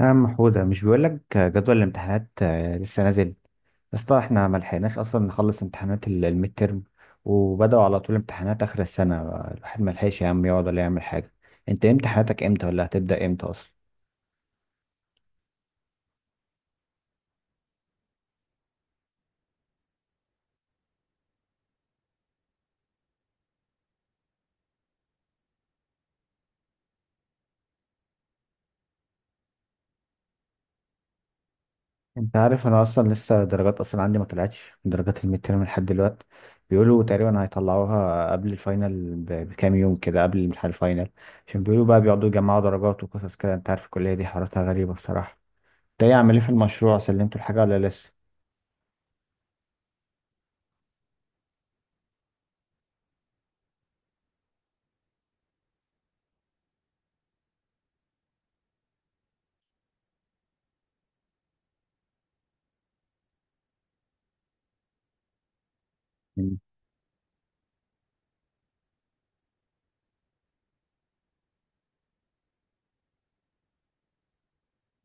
يا عم حودة، مش بيقول لك جدول الامتحانات، لسه نازل. يا اسطى، احنا ما لحقناش اصلا نخلص امتحانات الميد ترم، وبدأوا على طول امتحانات اخر السنة. الواحد ما لحقش يا عم يقعد ولا يعمل حاجة. انت امتحاناتك امتى؟ ولا هتبدأ امتى اصلا؟ انت عارف انا اصلا لسه درجات اصلا عندي ما طلعتش من درجات الميد ترم لحد دلوقتي. بيقولوا تقريبا هيطلعوها قبل الفاينل بكام يوم كده قبل الامتحان الفاينل. عشان بيقولوا بقى بيقعدوا يجمعوا درجات وقصص كده، انت عارف الكلية دي حواراتها غريبة بصراحة. انت ايه؟ عامل ايه في المشروع؟ سلمتوا الحاجة ولا لسه؟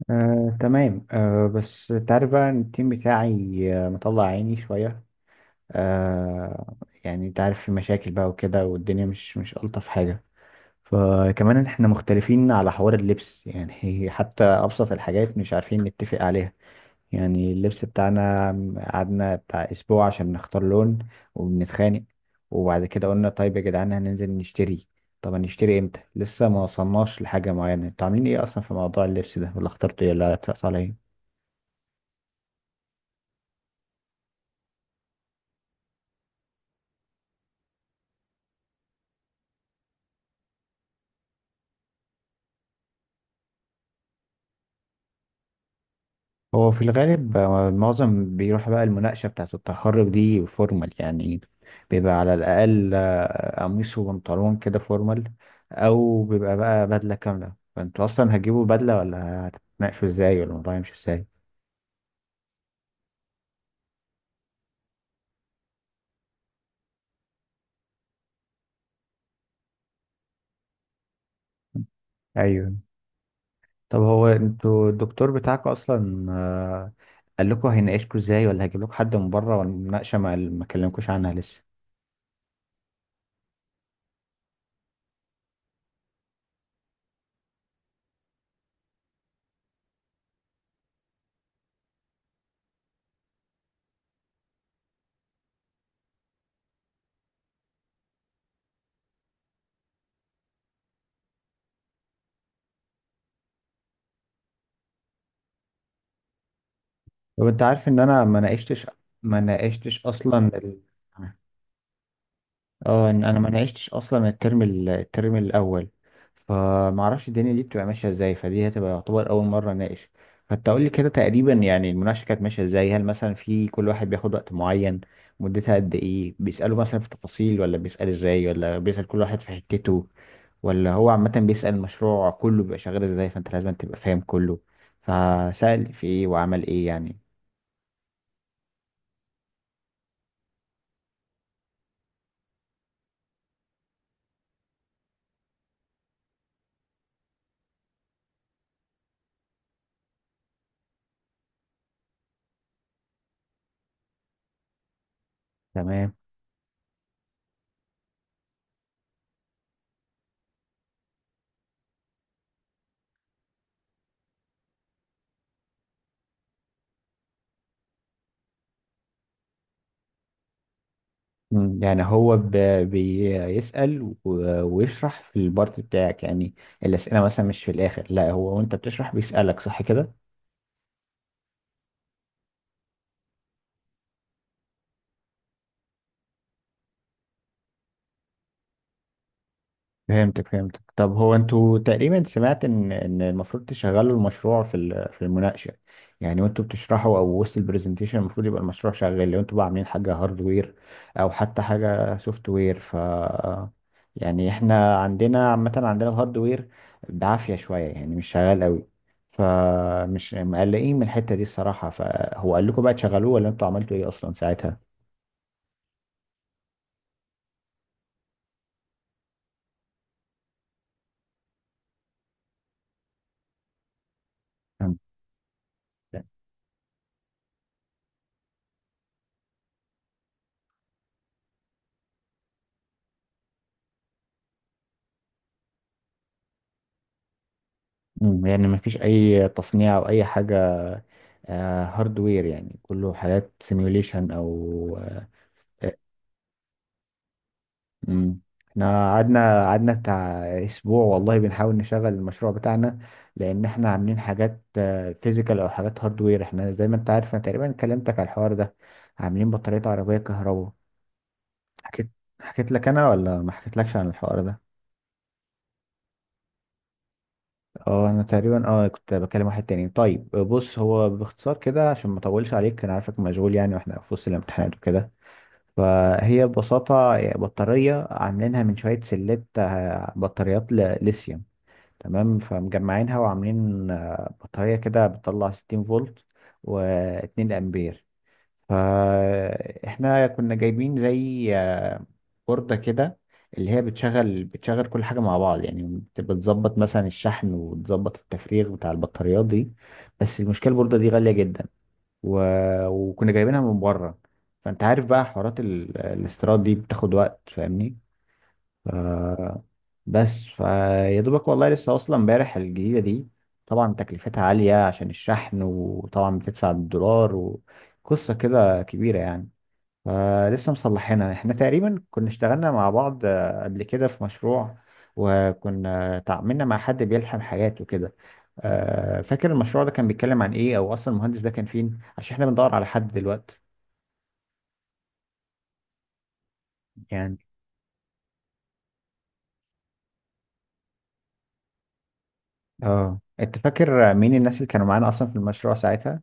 تمام. بس انت عارف بقى ان التيم بتاعي مطلع عيني شوية. آه، يعني انت عارف في مشاكل بقى وكده، والدنيا مش ألطف حاجة. فكمان احنا مختلفين على حوار اللبس يعني حتى أبسط الحاجات مش عارفين نتفق عليها. يعني اللبس بتاعنا، قعدنا بتاع أسبوع عشان نختار لون وبنتخانق. وبعد كده قلنا طيب يا جدعان هننزل نشتري. طب هنشتري امتى؟ لسه ما وصلناش لحاجة معينة. انتوا عاملين ايه اصلا في موضوع اللبس ده؟ ولا اخترتوا ايه؟ ولا اتفقتوا على ايه؟ هو في الغالب، معظم بيروح بقى المناقشة بتاعة التخرج دي فورمال يعني. بيبقى على الأقل قميص وبنطلون كده فورمال. أو بيبقى بقى بدلة كاملة. فأنتوا أصلا هتجيبوا بدلة ولا هتتناقشوا إزاي؟ ولا الموضوع يمشي إزاي؟ ايوه. طب هو أنتوا الدكتور بتاعكم أصلا قال لكم هيناقشكوا إزاي؟ ولا هيجيب لكم حد من بره؟ ولا المناقشة ما كلمكوش عنها لسه؟ طب أنت عارف إن أنا ما ناقشتش، ما ناقشتش أصلا. ال... اه، إن انا ما نعشتش اصلا الترم الترم الاول، فما اعرفش الدنيا دي بتبقى ماشيه ازاي، فدي هتبقى يعتبر اول مره اناقش. فانت قول لي كده تقريبا يعني المناقشه كانت ماشيه ازاي. هل مثلا في كل واحد بياخد وقت معين؟ مدتها قد ايه؟ بيسالوا مثلا في تفاصيل، ولا بيسال ازاي، ولا بيسال كل واحد في حتته، ولا هو عامه بيسال المشروع كله بيبقى شغال ازاي، فانت لازم تبقى فاهم كله، فسأل في ايه وعمل ايه يعني. تمام. يعني هو بيسأل ويشرح في البارت بتاعك يعني. الأسئلة مثلا مش في الآخر، لا، هو وأنت بتشرح بيسألك، صح كده؟ فهمتك. طب هو انتوا تقريبا، سمعت ان المفروض تشغلوا المشروع في في المناقشه. يعني وانتوا بتشرحوا او وسط البرزنتيشن المفروض يبقى المشروع شغال، لو انتوا بقى عاملين حاجه هاردوير او حتى حاجه سوفت وير. يعني احنا عندنا عامه عندنا الهاردوير بعافيه شويه يعني، مش شغال قوي، فمش مقلقين من الحته دي الصراحه. فهو قال لكم بقى تشغلوه؟ ولا انتوا عملتوا ايه اصلا ساعتها؟ يعني مفيش اي تصنيع او اي حاجه هاردوير يعني؟ كله حاجات سيميوليشن او آه. مم. احنا قعدنا بتاع اسبوع والله بنحاول نشغل المشروع بتاعنا، لان احنا عاملين حاجات فيزيكال او حاجات هاردوير. احنا زي ما انت عارف انا تقريبا كلمتك على الحوار ده، عاملين بطارية عربية كهرباء. حكيت حكيت لك انا ولا ما حكيتلكش عن الحوار ده؟ اه، انا تقريبا كنت بكلم واحد تاني. طيب بص هو باختصار كده عشان ما اطولش عليك، انا عارفك مشغول يعني، واحنا في وسط الامتحانات وكده. فهي ببساطة بطارية عاملينها من شوية سلات، بطاريات ليثيوم. تمام. فمجمعينها وعاملين بطارية كده بتطلع 60 فولت و2 أمبير. فاحنا كنا جايبين زي بوردة كده، اللي هي بتشغل كل حاجة مع بعض يعني. بتظبط مثلا الشحن وتظبط التفريغ بتاع البطاريات دي. بس المشكلة البوردة دي غالية جدا، و... وكنا جايبينها من بره. فانت عارف بقى حوارات الاستيراد دي بتاخد وقت، فاهمني. ف... بس فيا دوبك والله لسه واصله امبارح الجديده دي. طبعا تكلفتها عاليه عشان الشحن، وطبعا بتدفع بالدولار، وقصه كده كبيره يعني. لسه مصلحينها. احنا تقريبا كنا اشتغلنا مع بعض قبل كده في مشروع، وكنا تعاملنا مع حد بيلحم حاجات وكده. فاكر المشروع ده كان بيتكلم عن ايه؟ او اصلا المهندس ده كان فين؟ عشان احنا بندور على حد دلوقتي يعني. اه، انت فاكر مين الناس اللي كانوا معانا اصلا في المشروع ساعتها؟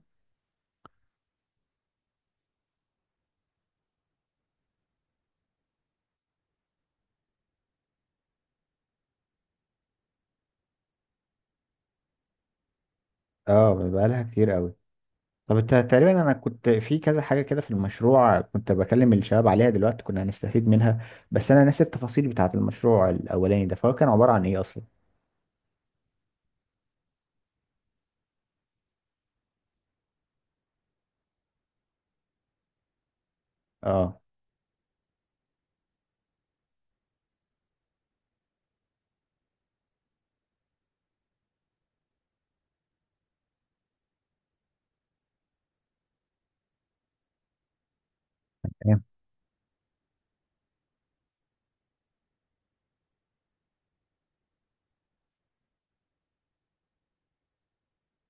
اه، بقالها كتير قوي. طب انت تقريبا، انا كنت في كذا حاجه كده في المشروع كنت بكلم الشباب عليها، دلوقتي كنا هنستفيد منها، بس انا ناسي التفاصيل بتاعه المشروع الاولاني ده. فهو كان عباره عن ايه اصلا؟ اه.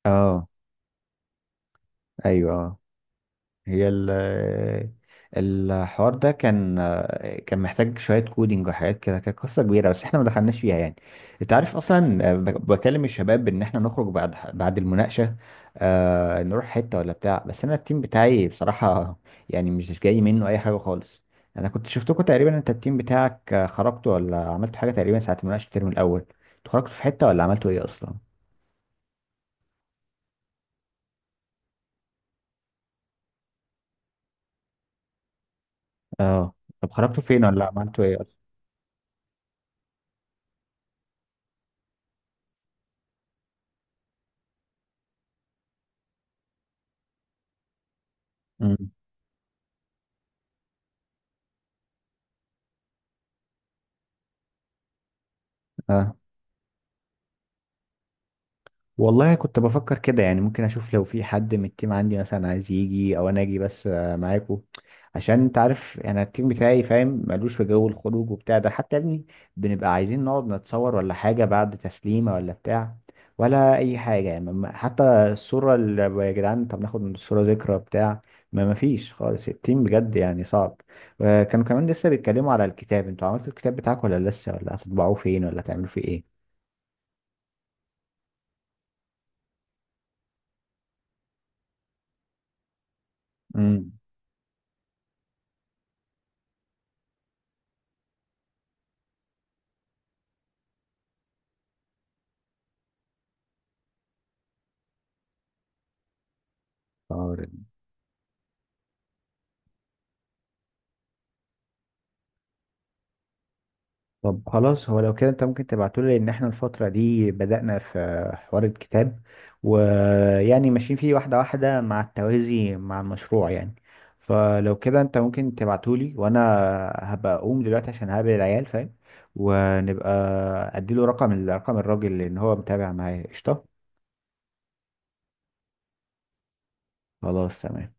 اه. ايوه. اه. هي الحوار ده كان محتاج شويه كودينج وحاجات كده، كانت قصه كبيره، بس احنا ما دخلناش فيها يعني. انت عارف اصلا بكلم الشباب ان احنا نخرج بعد المناقشه، نروح حته ولا بتاع، بس انا التيم بتاعي بصراحه يعني مش جاي منه اي حاجه خالص. انا كنت شفتكم تقريبا، انت التيم بتاعك خرجتوا ولا عملتوا حاجه تقريبا ساعه مناقشه الترم الاول؟ انتوا خرجتوا في حته ولا عملتوا ايه اصلا؟ اه. طب خرجتوا فين ولا عملتوا ايه اصلا؟ امم. اه، والله كنت بفكر كده يعني، ممكن اشوف لو في حد من التيم عندي مثلا عايز يجي، او انا اجي بس معاكو. عشان انت عارف انا التيم بتاعي فاهم ملوش في جو الخروج وبتاع ده، حتى يا ابني بنبقى عايزين نقعد نتصور ولا حاجة بعد تسليمة ولا بتاع، ولا اي حاجة يعني، حتى الصورة اللي، يا جدعان طب ناخد الصورة ذكرى بتاع، ما مفيش خالص. التيم بجد يعني صعب. كانوا كمان لسه بيتكلموا على الكتاب. انتوا عملتوا الكتاب بتاعكم ولا لسه؟ ولا هتطبعوه فين؟ ولا هتعملوا فيه ايه؟ امم. طب خلاص، هو لو كده انت ممكن تبعتولي، لان احنا الفترة دي بدأنا في حوار الكتاب، ويعني ماشيين فيه واحدة واحدة مع التوازي مع المشروع يعني. فلو كده انت ممكن تبعتولي، وانا هبقى اقوم دلوقتي عشان هقابل العيال، فاهم. ونبقى اديله رقم الرقم الراجل لان هو متابع معايا قشطة. خلاص، تمام.